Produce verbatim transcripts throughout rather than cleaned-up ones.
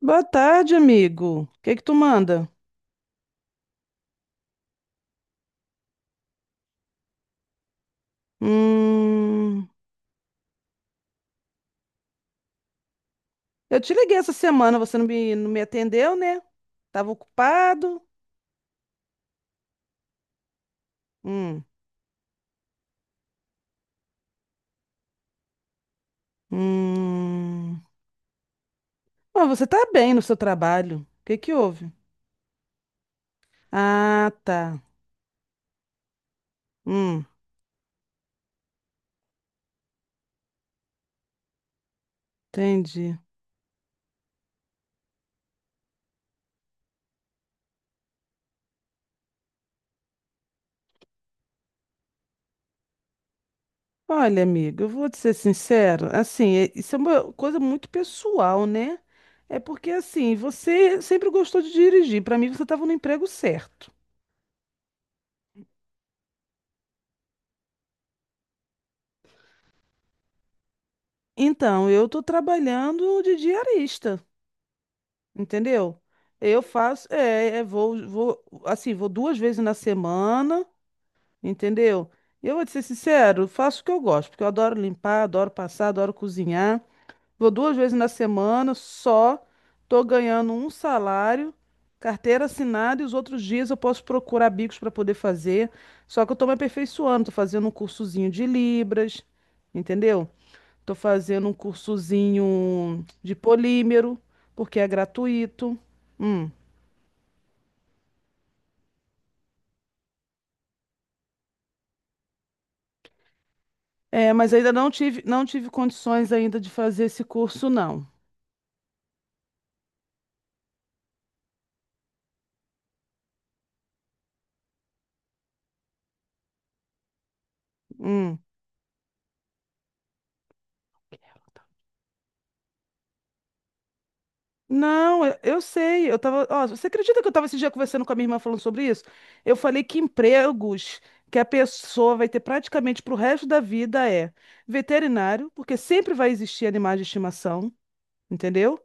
Boa tarde, amigo. O que que tu manda? Hum, eu te liguei essa semana, você não me, não me atendeu, né? Tava ocupado. Hum, hum. Mas você tá bem no seu trabalho. O que que houve? Ah, tá. Hum, entendi. Olha, amigo, eu vou te ser sincero. Assim, é- isso é uma coisa muito pessoal, né? É porque, assim, você sempre gostou de dirigir. Para mim, você estava no emprego certo. Então, eu tô trabalhando de diarista. Entendeu? Eu faço, é, é, vou, vou, assim, vou duas vezes na semana, entendeu? E eu vou te ser sincero, faço o que eu gosto, porque eu adoro limpar, adoro passar, adoro cozinhar. Vou duas vezes na semana, só tô ganhando um salário, carteira assinada, e os outros dias eu posso procurar bicos para poder fazer. Só que eu tô me aperfeiçoando, tô fazendo um cursozinho de Libras, entendeu? Tô fazendo um cursozinho de polímero, porque é gratuito. Hum. É, mas ainda não tive, não tive condições ainda de fazer esse curso, não. Hum. Não, eu eu sei. Eu tava, ó, você acredita que eu estava esse dia conversando com a minha irmã falando sobre isso? Eu falei que empregos que a pessoa vai ter praticamente para o resto da vida é veterinário, porque sempre vai existir animais de estimação, entendeu?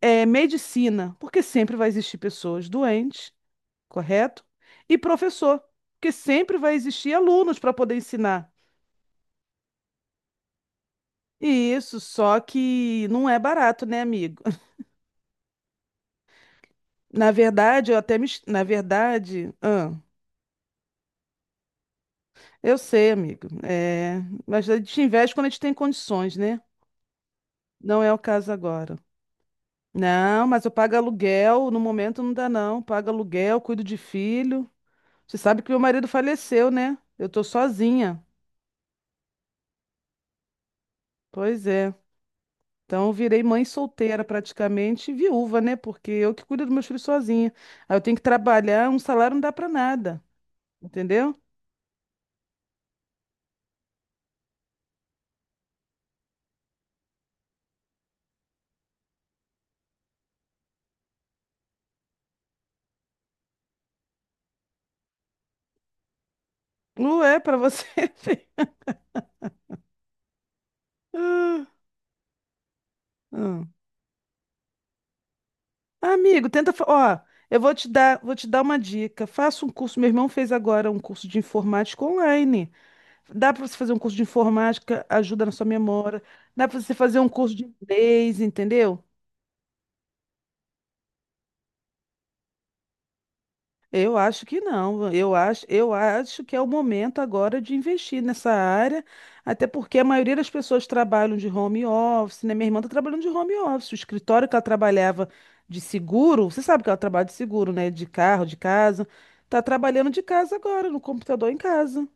É medicina, porque sempre vai existir pessoas doentes. Correto? E professor, porque sempre vai existir alunos para poder ensinar. E isso, só que não é barato, né, amigo? Na verdade, eu até me... Na verdade, ah, eu sei, amigo. É... Mas a gente investe quando a gente tem condições, né? Não é o caso agora. Não, mas eu pago aluguel, no momento não dá não. Pago aluguel, cuido de filho. Você sabe que meu marido faleceu, né? Eu tô sozinha. Pois é. Então, eu virei mãe solteira praticamente, e viúva, né? Porque eu que cuido dos meus filhos sozinha. Aí eu tenho que trabalhar, um salário não dá pra nada, entendeu? Ué, pra você. ver. Ah, ah. Amigo, tenta, fa- ó, eu vou te dar, vou te dar uma dica. Faça um curso, meu irmão fez agora um curso de informática online. Dá pra você fazer um curso de informática, ajuda na sua memória. Dá pra você fazer um curso de inglês, entendeu? Eu acho que não. Eu acho, eu acho que é o momento agora de investir nessa área, até porque a maioria das pessoas trabalham de home office, né? Minha irmã está trabalhando de home office. O escritório que ela trabalhava de seguro, você sabe que ela trabalha de seguro, né? De carro, de casa. Tá trabalhando de casa agora, no computador em casa.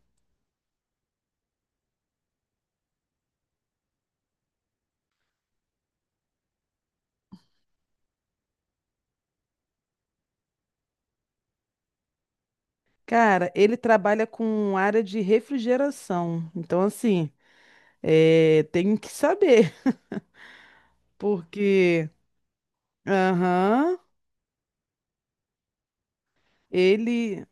Cara, ele trabalha com área de refrigeração. Então, assim, é, tem que saber, porque. Aham. Ele.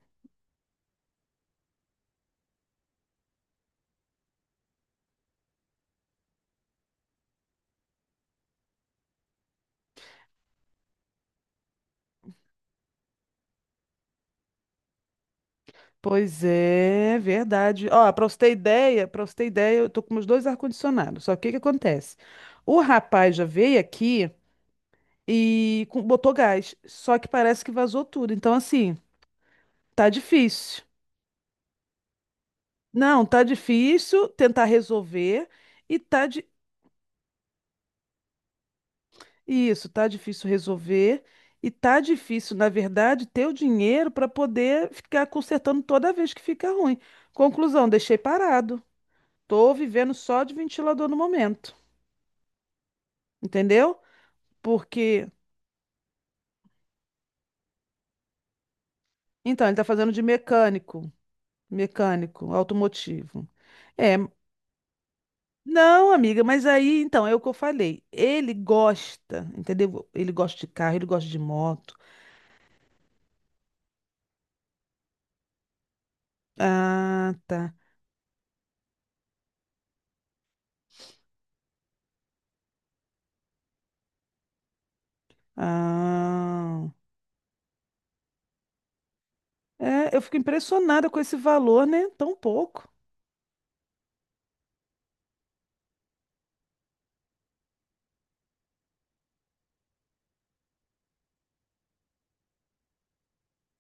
Pois é, verdade. Ó, para você ter ideia, para você ter ideia, eu tô com meus dois ar-condicionados. Só que o que acontece? O rapaz já veio aqui e com- botou gás, só que parece que vazou tudo. Então, assim, tá difícil. Não, tá difícil tentar resolver e tá de... Isso, tá difícil resolver e tá difícil, na verdade, ter o dinheiro para poder ficar consertando toda vez que fica ruim. Conclusão, deixei parado. Tô vivendo só de ventilador no momento. Entendeu? Porque, então, ele está fazendo de mecânico, mecânico, automotivo. É, não, amiga, mas aí, então, é o que eu falei. Ele gosta, entendeu? Ele gosta de carro, ele gosta de moto. Ah, tá. Ah. É, eu fico impressionada com esse valor, né? Tão pouco.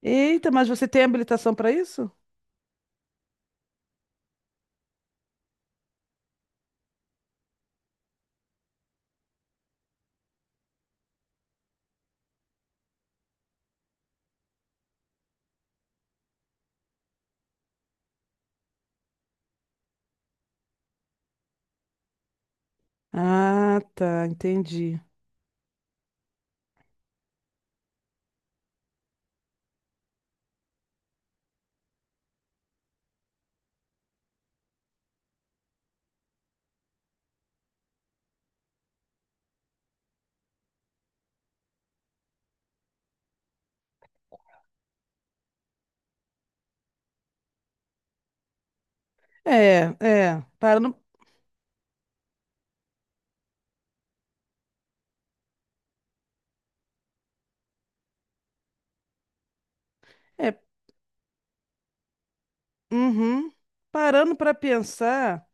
Eita, mas você tem habilitação para isso? Ah, tá, entendi. É, é, parando, é, uhum. Parando para pensar,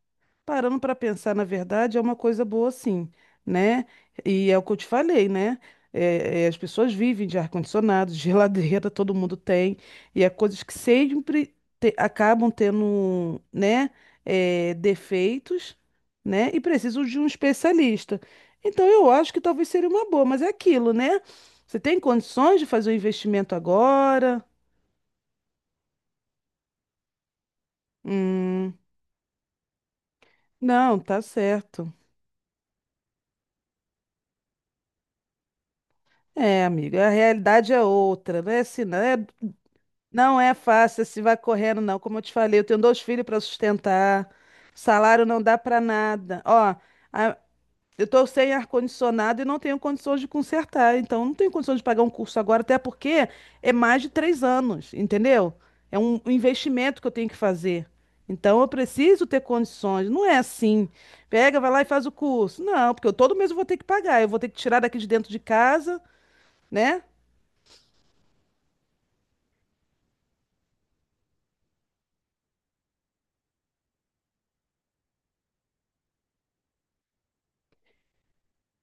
Parando para pensar, na verdade, é uma coisa boa, sim, né? E é o que eu te falei, né? É, é, as pessoas vivem de ar-condicionado, de geladeira, todo mundo tem, e é coisas que sempre te- acabam tendo, né, é, defeitos, né? E precisam de um especialista. Então, eu acho que talvez seria uma boa, mas é aquilo, né? Você tem condições de fazer o investimento agora? Hum, não, tá certo. É, amiga, a realidade é outra, né? Se não é. Não é fácil se vai correndo, não. Como eu te falei, eu tenho dois filhos para sustentar, salário não dá para nada. Ó, a- eu estou sem ar-condicionado e não tenho condições de consertar, então não tenho condições de pagar um curso agora, até porque é mais de três anos, entendeu? É um um investimento que eu tenho que fazer. Então eu preciso ter condições. Não é assim. Pega, vai lá e faz o curso. Não, porque eu todo mês eu vou ter que pagar. Eu vou ter que tirar daqui de dentro de casa, né?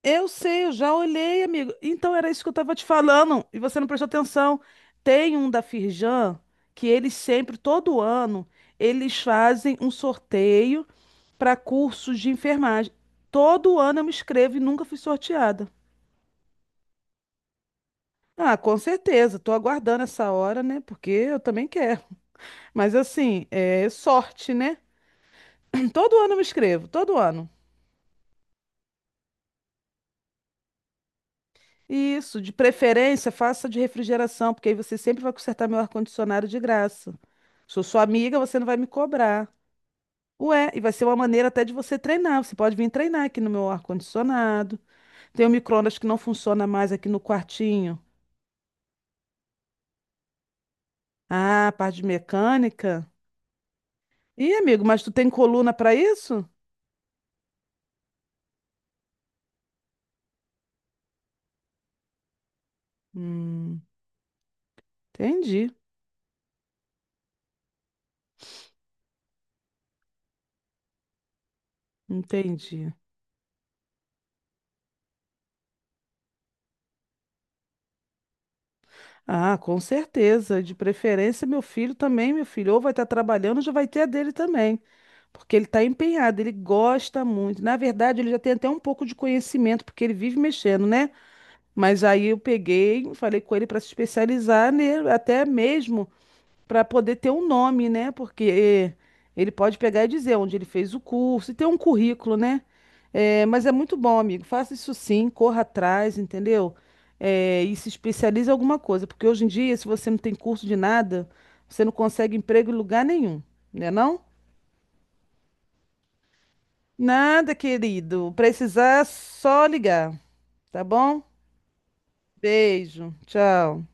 Eu sei, eu já olhei, amigo. Então era isso que eu estava te falando e você não prestou atenção. Tem um da Firjan que eles sempre, todo ano, eles fazem um sorteio para cursos de enfermagem. Todo ano eu me inscrevo e nunca fui sorteada. Ah, com certeza. Tô aguardando essa hora, né? Porque eu também quero. Mas assim, é sorte, né? Todo ano eu me inscrevo, todo ano. Isso, de preferência, faça de refrigeração, porque aí você sempre vai consertar meu ar-condicionado de graça. Sou sua amiga, você não vai me cobrar. Ué, e vai ser uma maneira até de você treinar. Você pode vir treinar aqui no meu ar-condicionado. Tem o micro-ondas que não funciona mais aqui no quartinho. Ah, parte de mecânica. Ih, amigo, mas tu tem coluna para isso? Hum, entendi, entendi. Ah, com certeza. De preferência, meu filho também, meu filho. Ou vai estar trabalhando, já vai ter a dele também. Porque ele está empenhado, ele gosta muito. Na verdade, ele já tem até um pouco de conhecimento, porque ele vive mexendo, né? Mas aí eu peguei, falei com ele para se especializar, né? Até mesmo para poder ter um nome, né? Porque é, ele pode pegar e dizer onde ele fez o curso, e ter um currículo, né? É, mas é muito bom, amigo. Faça isso sim, corra atrás, entendeu? É, e se especialize em alguma coisa, porque hoje em dia, se você não tem curso de nada, você não consegue emprego em lugar nenhum, né não? Nada, querido. Precisar, só ligar, tá bom? Beijo, tchau.